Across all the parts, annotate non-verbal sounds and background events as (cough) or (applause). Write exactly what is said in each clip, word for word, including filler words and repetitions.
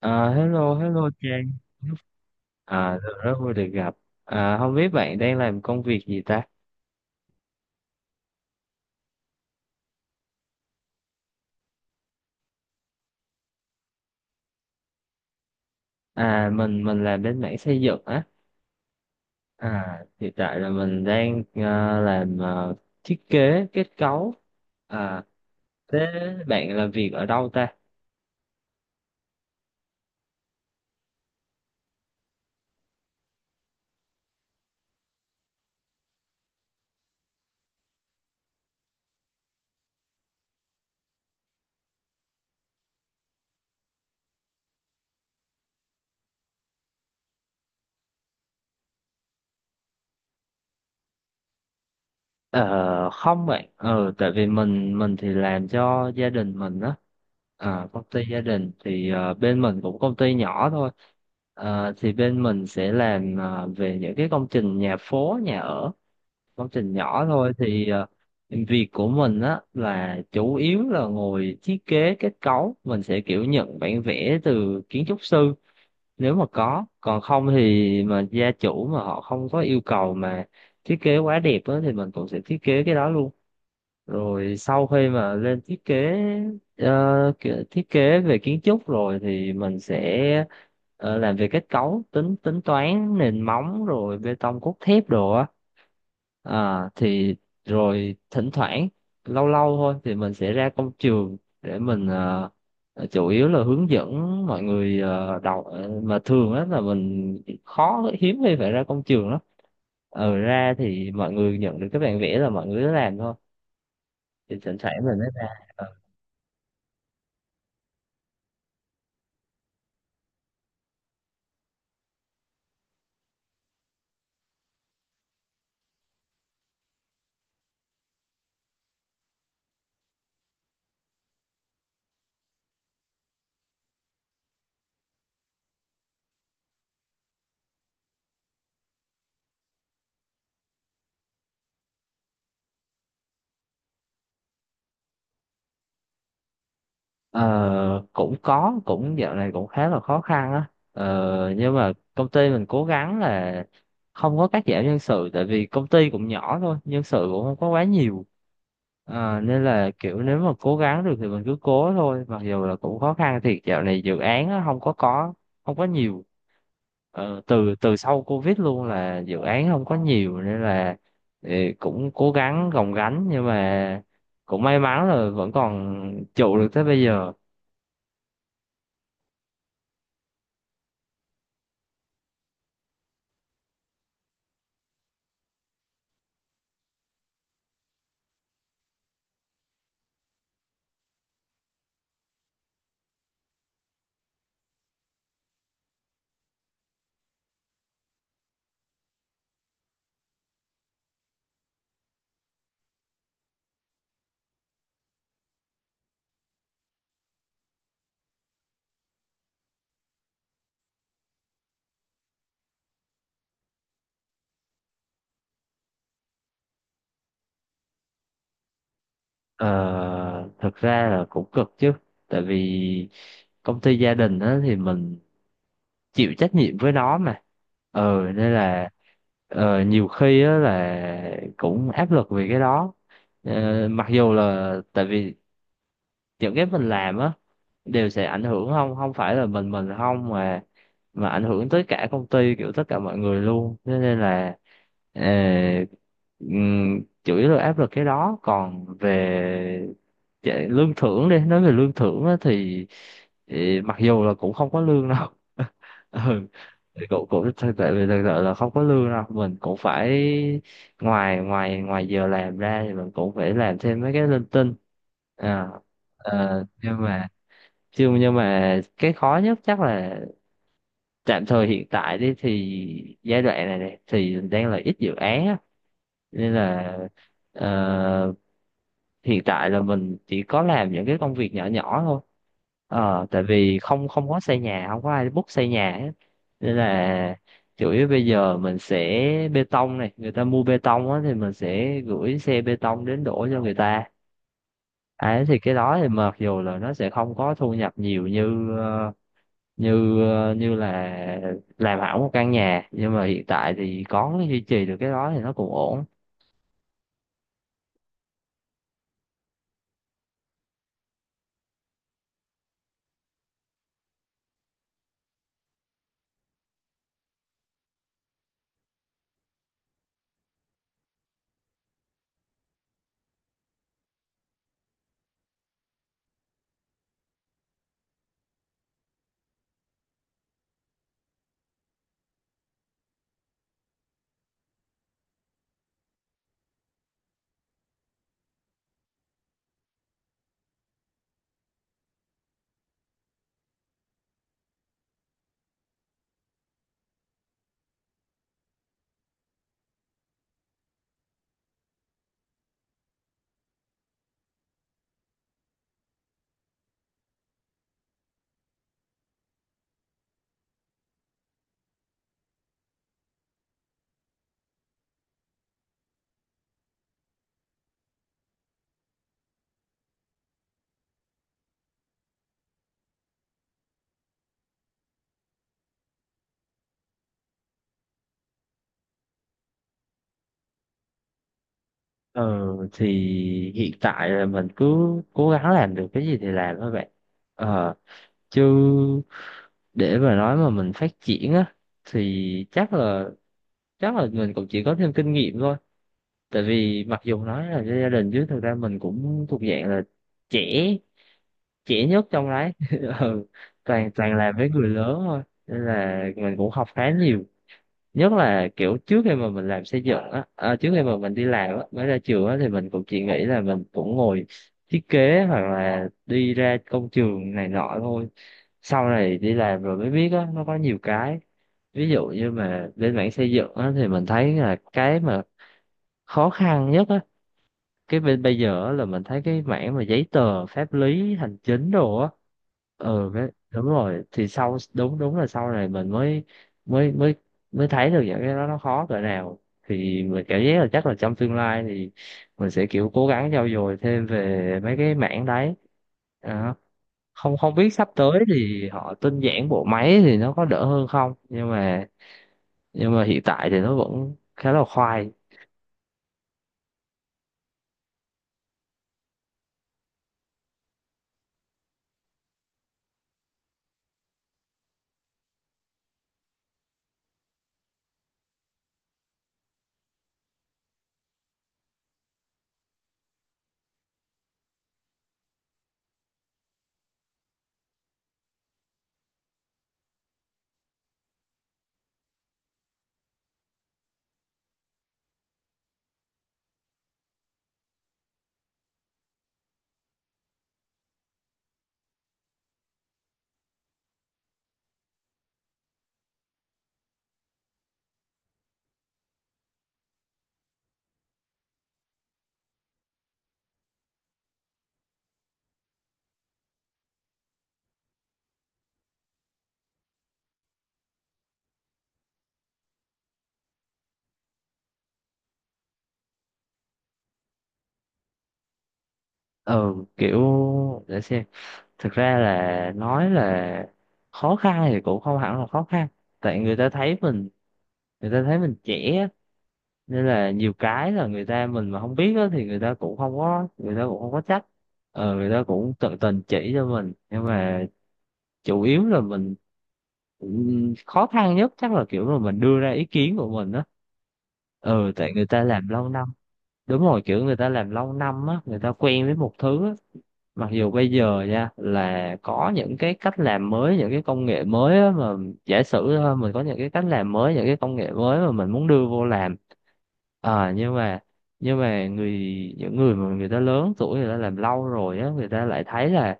À, hello, hello Trang. À, rất rất vui được gặp. À, không biết bạn đang làm công việc gì ta? À, mình mình làm bên mảng xây dựng á. À, hiện tại là mình đang à, làm à, thiết kế kết cấu. À, thế bạn làm việc ở đâu ta? Ờ, không bạn. Ờ, tại vì mình mình thì làm cho gia đình mình á. À, công ty gia đình thì ờ, bên mình cũng công ty nhỏ thôi. Ờ, thì bên mình sẽ làm ờ, về những cái công trình nhà phố, nhà ở. Công trình nhỏ thôi thì ờ, việc của mình á là chủ yếu là ngồi thiết kế kết cấu, mình sẽ kiểu nhận bản vẽ từ kiến trúc sư nếu mà có, còn không thì mà gia chủ mà họ không có yêu cầu mà thiết kế quá đẹp á thì mình cũng sẽ thiết kế cái đó luôn. Rồi sau khi mà lên thiết kế ờ, kiểu thiết kế về kiến trúc rồi thì mình sẽ ờ, làm về kết cấu, tính tính toán nền móng rồi bê tông cốt thép đồ á. À, thì Rồi thỉnh thoảng lâu lâu thôi thì mình sẽ ra công trường để mình ờ, chủ yếu là hướng dẫn mọi người ờ, đọc. À, mà thường á là mình khó hiếm khi phải ra công trường lắm. Ờ ra thì mọi người nhận được cái bản vẽ là mọi người cứ làm thôi, thì thỉnh thoảng mình mới ra ờ. Ờ, cũng có, cũng dạo này cũng khá là khó khăn á, ờ, nhưng mà công ty mình cố gắng là không có cắt giảm nhân sự, tại vì công ty cũng nhỏ thôi, nhân sự cũng không có quá nhiều. Ờ, nên là kiểu nếu mà cố gắng được thì mình cứ cố thôi, mặc dù là cũng khó khăn thiệt. Dạo này dự án á, không có có không có nhiều. Ờ, từ từ sau Covid luôn là dự án không có nhiều, nên là ờ, cũng cố gắng gồng gánh, nhưng mà cũng may mắn là vẫn còn trụ được tới bây giờ. Ờ, thực ra là cũng cực chứ, tại vì công ty gia đình á thì mình chịu trách nhiệm với nó mà, ờ nên là ờ, nhiều khi á là cũng áp lực vì cái đó. Ờ, mặc dù là tại vì những cái mình làm á đều sẽ ảnh hưởng, không không phải là mình mình không, mà mà ảnh hưởng tới cả công ty, kiểu tất cả mọi người luôn, thế nên là ờ, ừm, chủ yếu là áp lực cái đó. Còn về chạy- lương thưởng, đi nói về lương thưởng á, thì thì mặc dù là cũng không có lương đâu (laughs) ừ, thì cũng cũng thật- tại vì thực sự là không có lương đâu, mình cũng phải ngoài ngoài ngoài giờ làm ra thì mình cũng phải làm thêm mấy cái linh tinh. À, ờ, nhưng mà chứ nhưng mà cái khó nhất chắc là tạm thời hiện tại đi, thì giai đoạn này, này thì đang là ít dự án á, nên là ờ, hiện tại là mình chỉ có làm những cái công việc nhỏ nhỏ thôi. Ờ, tại vì không không có xây nhà, không có ai book xây nhà hết, nên là chủ yếu bây giờ mình sẽ bê tông, này người ta mua bê tông á thì mình sẽ gửi xe bê tông đến đổ cho người ta. Đấy, thì cái đó thì mặc dù là nó sẽ không có thu nhập nhiều như ờ, như ờ, như là làm hỏng một căn nhà, nhưng mà hiện tại thì có duy trì được cái đó thì nó cũng ổn. Ờ thì hiện tại là mình cứ cố gắng làm được cái gì thì làm thôi bạn, ờ chứ để mà nói mà mình phát triển á thì chắc là, chắc là mình cũng chỉ có thêm kinh nghiệm thôi. Tại vì mặc dù nói là gia đình chứ thực ra mình cũng thuộc dạng là trẻ, trẻ nhất trong đấy (laughs) ừ. toàn toàn làm với người lớn thôi, nên là mình cũng học khá nhiều. Nhất là kiểu trước khi mà mình làm xây dựng á, à, trước khi mà mình đi làm á, mới ra trường á thì mình cũng chỉ nghĩ là mình cũng ngồi thiết kế hoặc là đi ra công trường này nọ thôi. Sau này đi làm rồi mới biết á, nó có nhiều cái, ví dụ như mà bên mảng xây dựng á thì mình thấy là cái mà khó khăn nhất á, cái bên bây giờ á là mình thấy cái mảng mà giấy tờ pháp lý hành chính đồ á. Ừ, cái đúng rồi, thì sau đúng đúng là sau này mình mới mới mới mới thấy được những cái đó nó khó cỡ nào. Thì mình cảm giác là chắc là trong tương lai thì mình sẽ kiểu cố gắng trau dồi thêm về mấy cái mảng đấy. Đó. Không không biết sắp tới thì họ tinh giản bộ máy thì nó có đỡ hơn không, nhưng mà nhưng mà hiện tại thì nó vẫn khá là khoai. Ừ, kiểu để xem, thực ra là nói là khó khăn thì cũng không hẳn là khó khăn, tại người ta thấy mình người ta thấy mình trẻ á, nên là nhiều cái là người ta, mình mà không biết á, thì người ta cũng không có người ta cũng không có trách, ờ, người ta cũng tận tình chỉ cho mình, nhưng mà chủ yếu là mình ừm, khó khăn nhất chắc là kiểu là mình đưa ra ý kiến của mình á. Ừ, tại người ta làm lâu năm, đúng rồi, kiểu người ta làm lâu năm á, người ta quen với một thứ á, mặc dù bây giờ nha là có những cái cách làm mới, những cái công nghệ mới á, mà giả sử thôi, mình có những cái cách làm mới, những cái công nghệ mới mà mình muốn đưa vô làm, à, nhưng mà nhưng mà người những người mà người ta lớn tuổi, người ta làm lâu rồi á, người ta lại thấy là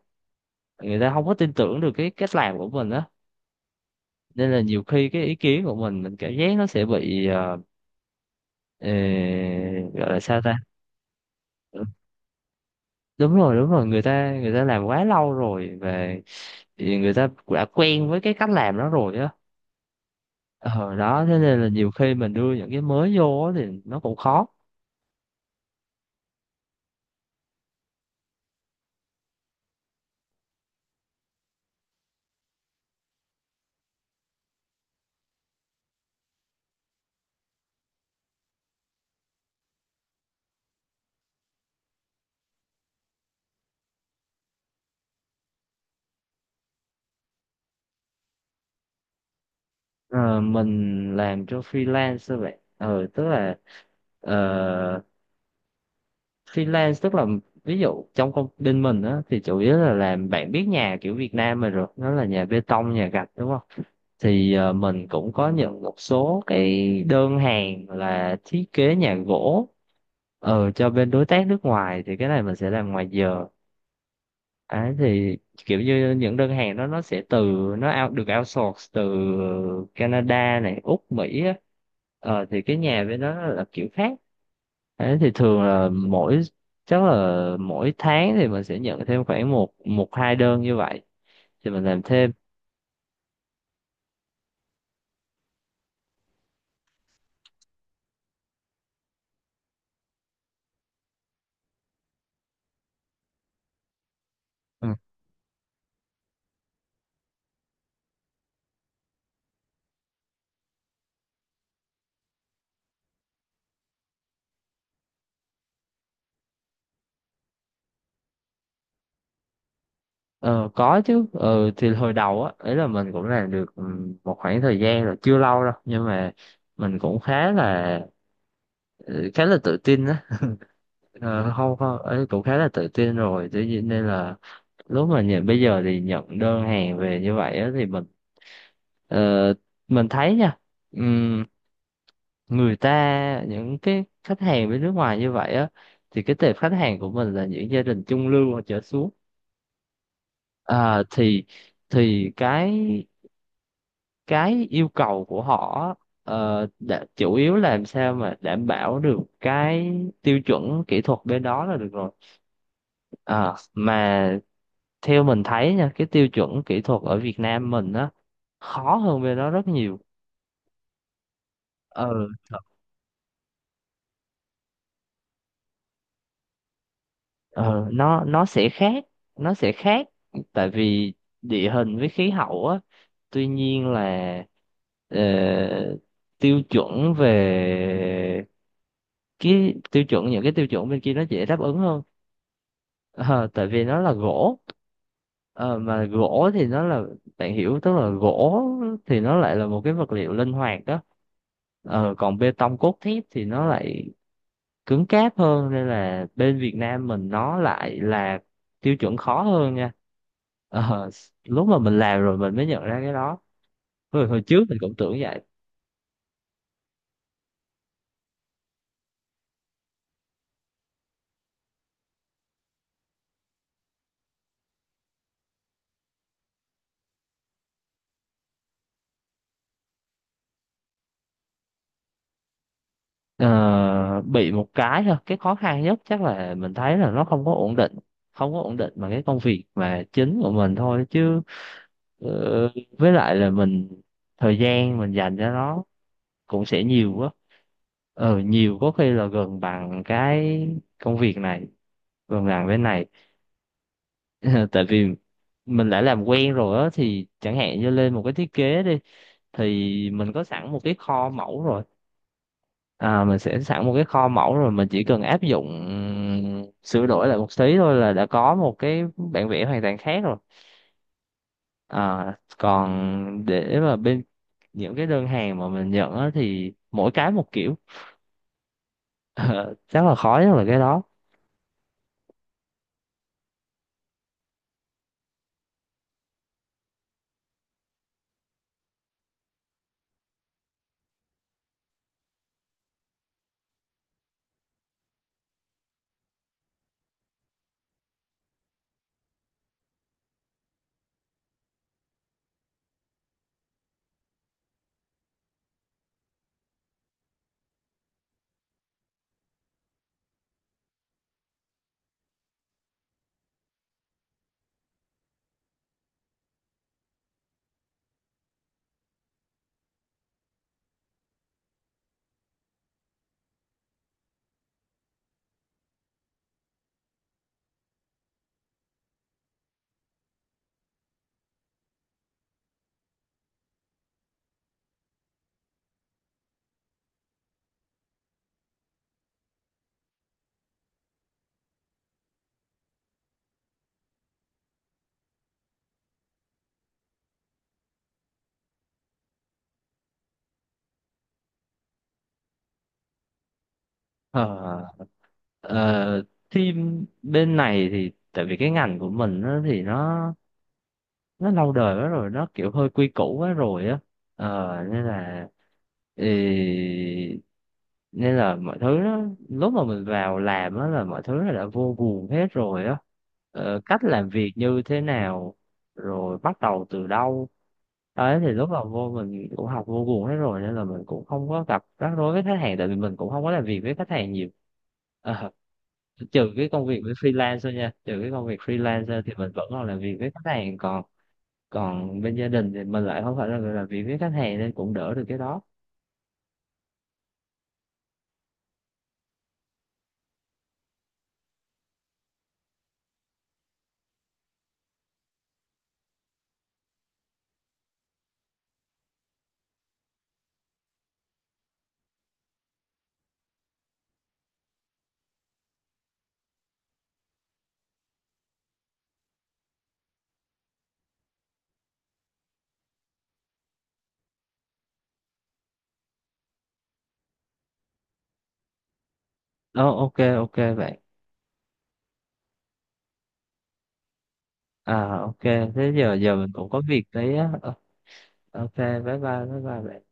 người ta không có tin tưởng được cái cách làm của mình á, nên là nhiều khi cái ý kiến của mình mình cảm giác nó sẽ bị ờ, ờ, gọi là sao ta, đúng rồi, đúng rồi, người ta người ta làm quá lâu rồi, và thì người ta đã quen với cái cách làm đó rồi á. Ờ đó thế nên là nhiều khi mình đưa những cái mới vô á thì nó cũng khó. Ờ, mình làm cho freelance thôi vậy, ờ tức là ờ, freelance tức là, ví dụ trong công ty mình á thì chủ yếu là làm, bạn biết nhà kiểu Việt Nam mình rồi, nó là nhà bê tông, nhà gạch đúng không, thì ờ, mình cũng có nhận một số cái đơn hàng là thiết kế nhà gỗ, ờ cho bên đối tác nước ngoài, thì cái này mình sẽ làm ngoài giờ. Đấy, thì kiểu như những đơn hàng đó nó sẽ từ, nó out, được outsource từ Canada này, Úc, Mỹ á. Ờ, thì cái nhà bên đó là kiểu khác. Đấy, thì thường là mỗi chắc là mỗi tháng thì mình sẽ nhận thêm khoảng một một hai đơn như vậy thì mình làm thêm. Ừ. Ờ, có chứ, ừ, thì hồi đầu á ấy là mình cũng làm được ừm, một khoảng thời gian rồi, chưa lâu đâu, nhưng mà mình cũng khá là, ừ, khá là tự tin á, ờ, không không ấy, cũng khá là tự tin rồi tự nhiên, nên là lúc mà nhận bây giờ thì nhận đơn hàng về như vậy á thì mình ờ, mình thấy nha, ừm, người ta những cái khách hàng bên nước ngoài như vậy á thì cái tệp khách hàng của mình là những gia đình trung lưu hoặc trở xuống, à, thì thì cái cái yêu cầu của họ ờ, đã, chủ yếu là làm sao mà đảm bảo được cái tiêu chuẩn kỹ thuật bên đó là được rồi. Ờ, mà theo mình thấy nha, cái tiêu chuẩn kỹ thuật ở Việt Nam mình á khó hơn bên đó rất nhiều. ờ Thật. ờ, nó nó sẽ khác, nó sẽ khác tại vì địa hình với khí hậu á, tuy nhiên là ờ, tiêu chuẩn về cái tiêu chuẩn những cái tiêu chuẩn bên kia nó dễ đáp ứng hơn. Ờ, tại vì nó là gỗ. Ờ, mà gỗ thì nó là, bạn hiểu, tức là gỗ thì nó lại là một cái vật liệu linh hoạt đó. Ờ, còn bê tông cốt thép thì nó lại cứng cáp hơn, nên là bên Việt Nam mình nó lại là tiêu chuẩn khó hơn nha. Ờ, s- lúc mà mình làm rồi mình mới nhận ra cái đó, hồi, hồi trước mình cũng tưởng vậy. Ờ, bị một cái thôi, cái khó khăn nhất chắc là mình thấy là nó không có ổn định, không có ổn định mà cái công việc mà chính của mình thôi chứ, ờ, với lại là mình, thời gian mình dành cho nó cũng sẽ nhiều quá, ờ nhiều, có khi là gần bằng cái công việc này, gần bằng bên này (laughs) tại vì mình đã làm quen rồi á, thì chẳng hạn như lên một cái thiết kế đi thì mình có sẵn một cái kho mẫu rồi, à, mình sẽ sẵn một cái kho mẫu rồi, mình chỉ cần áp dụng, sửa đổi lại một tí thôi là đã có một cái bản vẽ hoàn toàn khác rồi. À, còn để mà bên những cái đơn hàng mà mình nhận á, thì mỗi cái một kiểu (laughs) Ờ, chắc là khó nhất là cái đó. Ờ, ờ, team bên này thì tại vì cái ngành của mình á thì nó, nó lâu đời quá rồi, nó kiểu hơi quy củ quá rồi á, ờ nên là ừ, nên là mọi thứ nó, lúc mà mình vào làm á là mọi thứ nó đã vô guồng hết rồi á, ờ, cách làm việc như thế nào, rồi bắt đầu từ đâu. Đấy, thì lúc vào vô mình cũng học vô guồng hết rồi, nên là mình cũng không có gặp rắc rối với khách hàng, tại vì mình cũng không có làm việc với khách hàng nhiều. Ờ, trừ cái công việc với freelance thôi nha, trừ cái công việc freelance ra thì mình vẫn còn làm việc với khách hàng, còn còn bên gia đình thì mình lại không phải là người làm việc với khách hàng, nên cũng đỡ được cái đó. Ờ, ok ok bạn. À, ok, thế giờ, giờ mình cũng có việc đấy á. Ờ, ok, bye bye, bye bye bạn.